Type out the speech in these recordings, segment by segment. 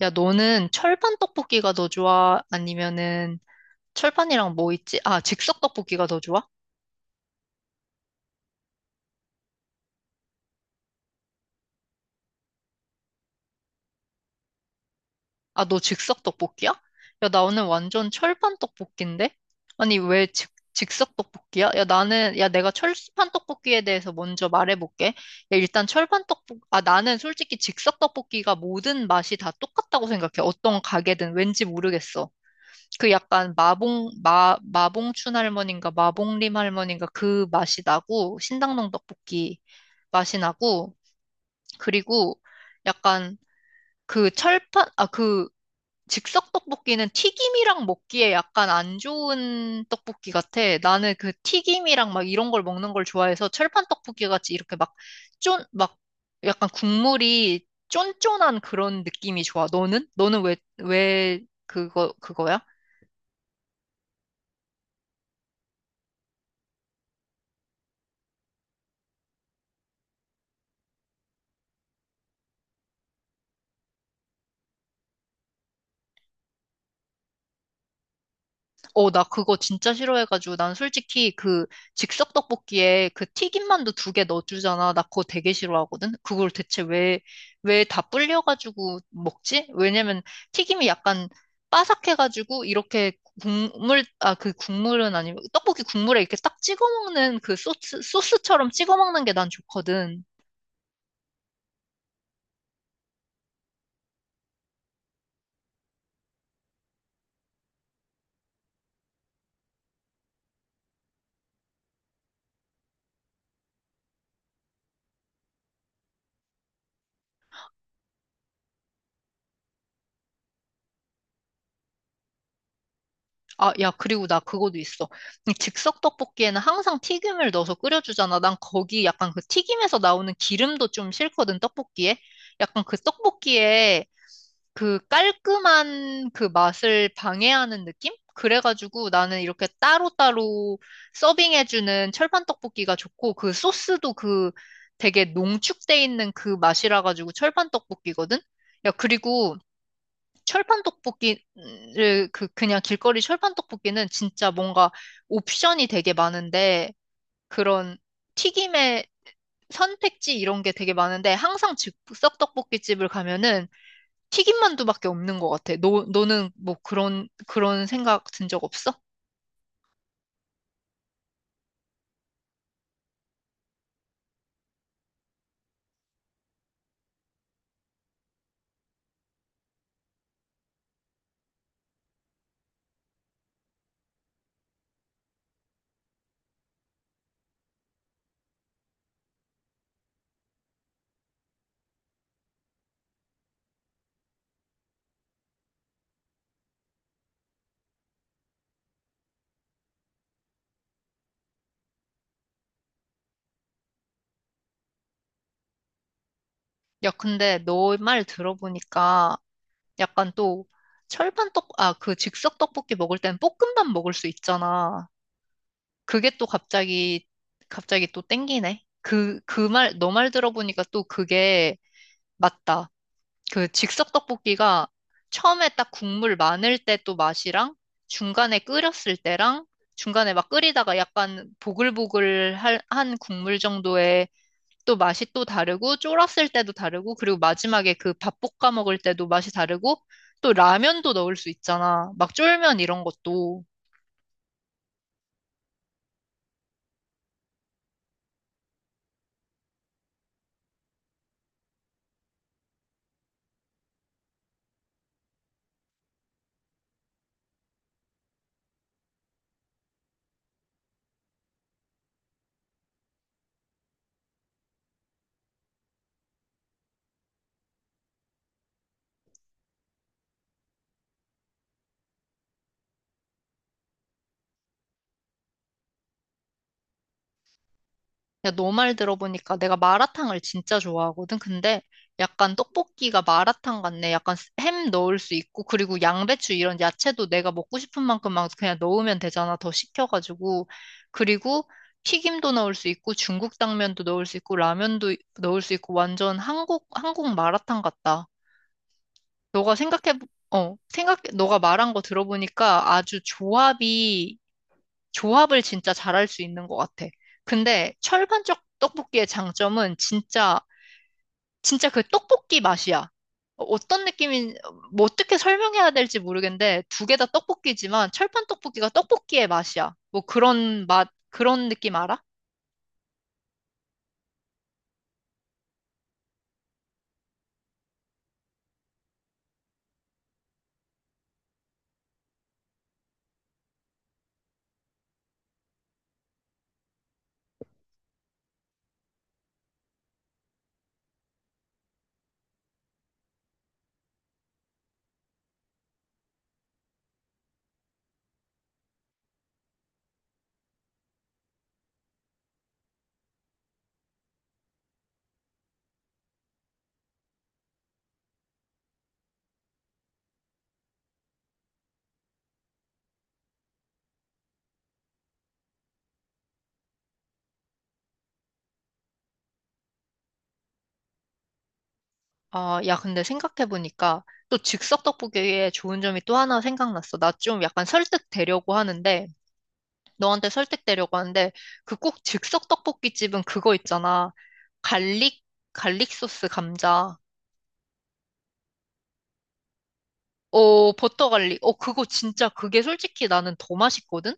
야, 너는 철판 떡볶이가 더 좋아? 아니면은 철판이랑 뭐 있지? 아, 즉석 떡볶이가 더 좋아? 아, 너 즉석 떡볶이야? 야, 나 오늘 완전 철판 떡볶인데? 아니, 왜 즉석 떡볶이야? 야, 내가 철판 떡볶이에 대해서 먼저 말해볼게. 야, 일단 나는 솔직히 즉석 떡볶이가 모든 맛이 다 똑같다고 생각해. 어떤 가게든 왠지 모르겠어. 그 약간 마봉춘 할머니인가 마봉림 할머니인가 그 맛이 나고, 신당동 떡볶이 맛이 나고, 그리고 약간 그 즉석 떡볶이는 튀김이랑 먹기에 약간 안 좋은 떡볶이 같아. 나는 그 튀김이랑 막 이런 걸 먹는 걸 좋아해서 철판 떡볶이 같이 이렇게 막 쫀, 막 약간 국물이 쫀쫀한 그런 느낌이 좋아. 너는? 너는 왜 그거야? 어, 나 그거 진짜 싫어해가지고 난 솔직히 그 즉석 떡볶이에 그 튀김만두 2개 넣어주잖아. 나 그거 되게 싫어하거든. 그걸 대체 왜 다 불려가지고 먹지? 왜냐면 튀김이 약간 바삭해가지고 이렇게 그 국물은 아니고 떡볶이 국물에 이렇게 딱 찍어 먹는 그 소스처럼 찍어 먹는 게 난 좋거든. 아, 야, 그리고 나 그것도 있어. 이 즉석 떡볶이에는 항상 튀김을 넣어서 끓여주잖아. 난 거기 약간 그 튀김에서 나오는 기름도 좀 싫거든, 떡볶이에. 약간 그 떡볶이에 그 깔끔한 그 맛을 방해하는 느낌? 그래가지고 나는 이렇게 따로따로 서빙해주는 철판 떡볶이가 좋고 그 소스도 그 되게 농축돼 있는 그 맛이라 가지고 철판 떡볶이거든? 야, 그리고 철판 떡볶이를 그 그냥 길거리 철판 떡볶이는 진짜 뭔가 옵션이 되게 많은데 그런 튀김의 선택지 이런 게 되게 많은데 항상 즉석 떡볶이 집을 가면은 튀김만두밖에 없는 것 같아. 너 너는 뭐 그런 생각 든 적 없어? 야, 근데 너 말 들어보니까 약간 또 그 즉석 떡볶이 먹을 땐 볶음밥 먹을 수 있잖아. 그게 또 갑자기 또 땡기네. 너 말 들어보니까 또 그게 맞다. 그 즉석 떡볶이가 처음에 딱 국물 많을 때 또 맛이랑 중간에 끓였을 때랑 중간에 막 끓이다가 약간 보글보글 한 국물 정도의 또 맛이 또 다르고 쫄았을 때도 다르고 그리고 마지막에 그 밥 볶아 먹을 때도 맛이 다르고 또 라면도 넣을 수 있잖아. 막 쫄면 이런 것도. 야, 너 말 들어보니까 내가 마라탕을 진짜 좋아하거든. 근데 약간 떡볶이가 마라탕 같네. 약간 햄 넣을 수 있고, 그리고 양배추 이런 야채도 내가 먹고 싶은 만큼 막 그냥 넣으면 되잖아. 더 식혀가지고. 그리고 튀김도 넣을 수 있고, 중국 당면도 넣을 수 있고, 라면도 넣을 수 있고, 완전 한국 마라탕 같다. 너가 생각해, 어, 생각, 너가 말한 거 들어보니까 아주 조합이 조합을 진짜 잘할 수 있는 것 같아. 근데 철판적 떡볶이의 장점은 진짜 그 떡볶이 맛이야. 어, 어떤 느낌인, 뭐 어떻게 설명해야 될지 모르겠는데, 2개 다 떡볶이지만 철판 떡볶이가 떡볶이의 맛이야. 뭐 그런 맛, 그런 느낌 알아? 아, 야, 근데 생각해보니까 또 즉석 떡볶이의 좋은 점이 또 하나 생각났어. 나 좀 약간 설득되려고 하는데, 너한테 설득되려고 하는데 그 꼭 즉석 떡볶이집은 그거 있잖아. 갈릭 갈릭 소스 감자. 어, 버터 갈릭. 어, 그거 진짜 그게 솔직히 나는 더 맛있거든.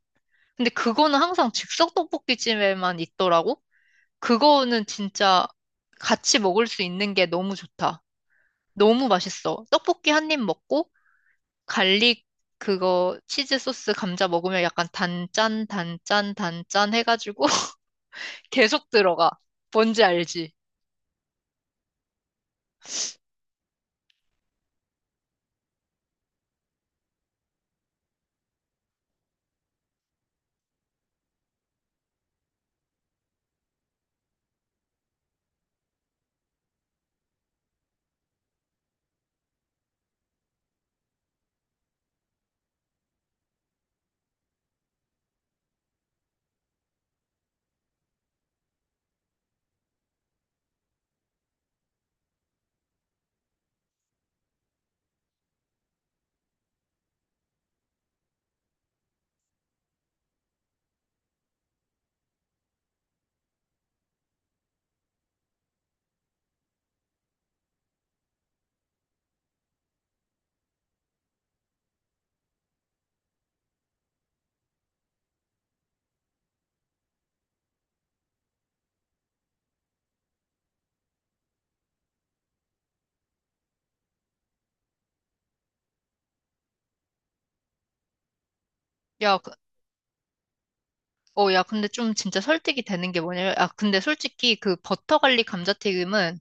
근데 그거는 항상 즉석 떡볶이집에만 있더라고. 그거는 진짜 같이 먹을 수 있는 게 너무 좋다. 너무 맛있어. 떡볶이 한 입 먹고 갈릭 그거 치즈 소스 감자 먹으면 약간 단짠 단짠 단짠 해가지고 계속 들어가. 뭔지 알지? 야, 야, 근데 좀 진짜 설득이 되는 게 뭐냐면, 아, 근데 솔직히 그 버터 갈릭 감자튀김은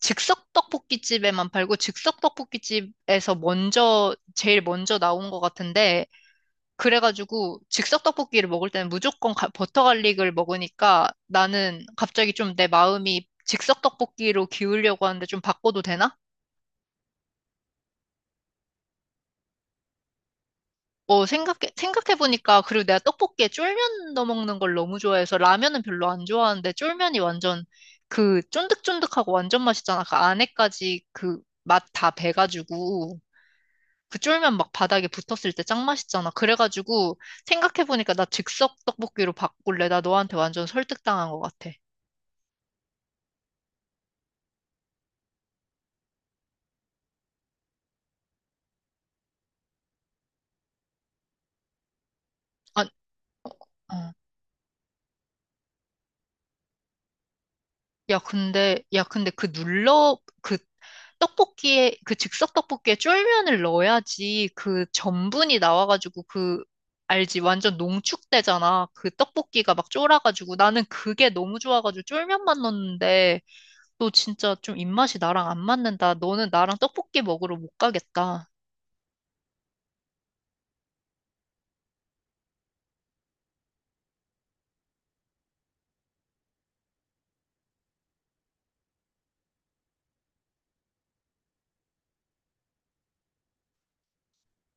즉석 떡볶이집에만 팔고 즉석 떡볶이집에서 먼저 제일 먼저 나온 것 같은데 그래가지고 즉석 떡볶이를 먹을 때는 무조건 버터 갈릭을 먹으니까 나는 갑자기 좀 내 마음이 즉석 떡볶이로 기울려고 하는데 좀 바꿔도 되나? 어, 생각해보니까, 그리고 내가 떡볶이에 쫄면 넣어 먹는 걸 너무 좋아해서 라면은 별로 안 좋아하는데, 쫄면이 완전 그 쫀득쫀득하고 완전 맛있잖아. 그 안에까지 그 맛 다 배가지고, 그 쫄면 막 바닥에 붙었을 때 짱 맛있잖아. 그래가지고, 생각해보니까 나 즉석 떡볶이로 바꿀래. 나 너한테 완전 설득당한 것 같아. 아, 어, 어. 야, 근데, 야, 근데 그 즉석 떡볶이에 쫄면을 넣어야지 그 전분이 나와가지고 그, 알지? 완전 농축되잖아. 그 떡볶이가 막 쫄아가지고. 나는 그게 너무 좋아가지고 쫄면만 넣었는데, 너 진짜 좀 입맛이 나랑 안 맞는다. 너는 나랑 떡볶이 먹으러 못 가겠다.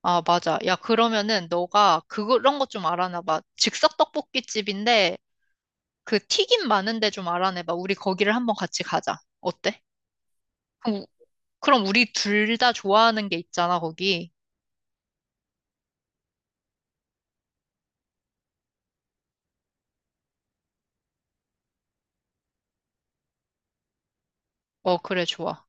아, 맞아. 야, 그러면은 너가 그런 거 좀 알아놔봐. 즉석 떡볶이집인데, 그 튀김 많은데 좀 알아내봐. 우리 거기를 한번 같이 가자. 어때? 그럼, 그럼 우리 둘 다 좋아하는 게 있잖아, 거기. 어, 그래, 좋아.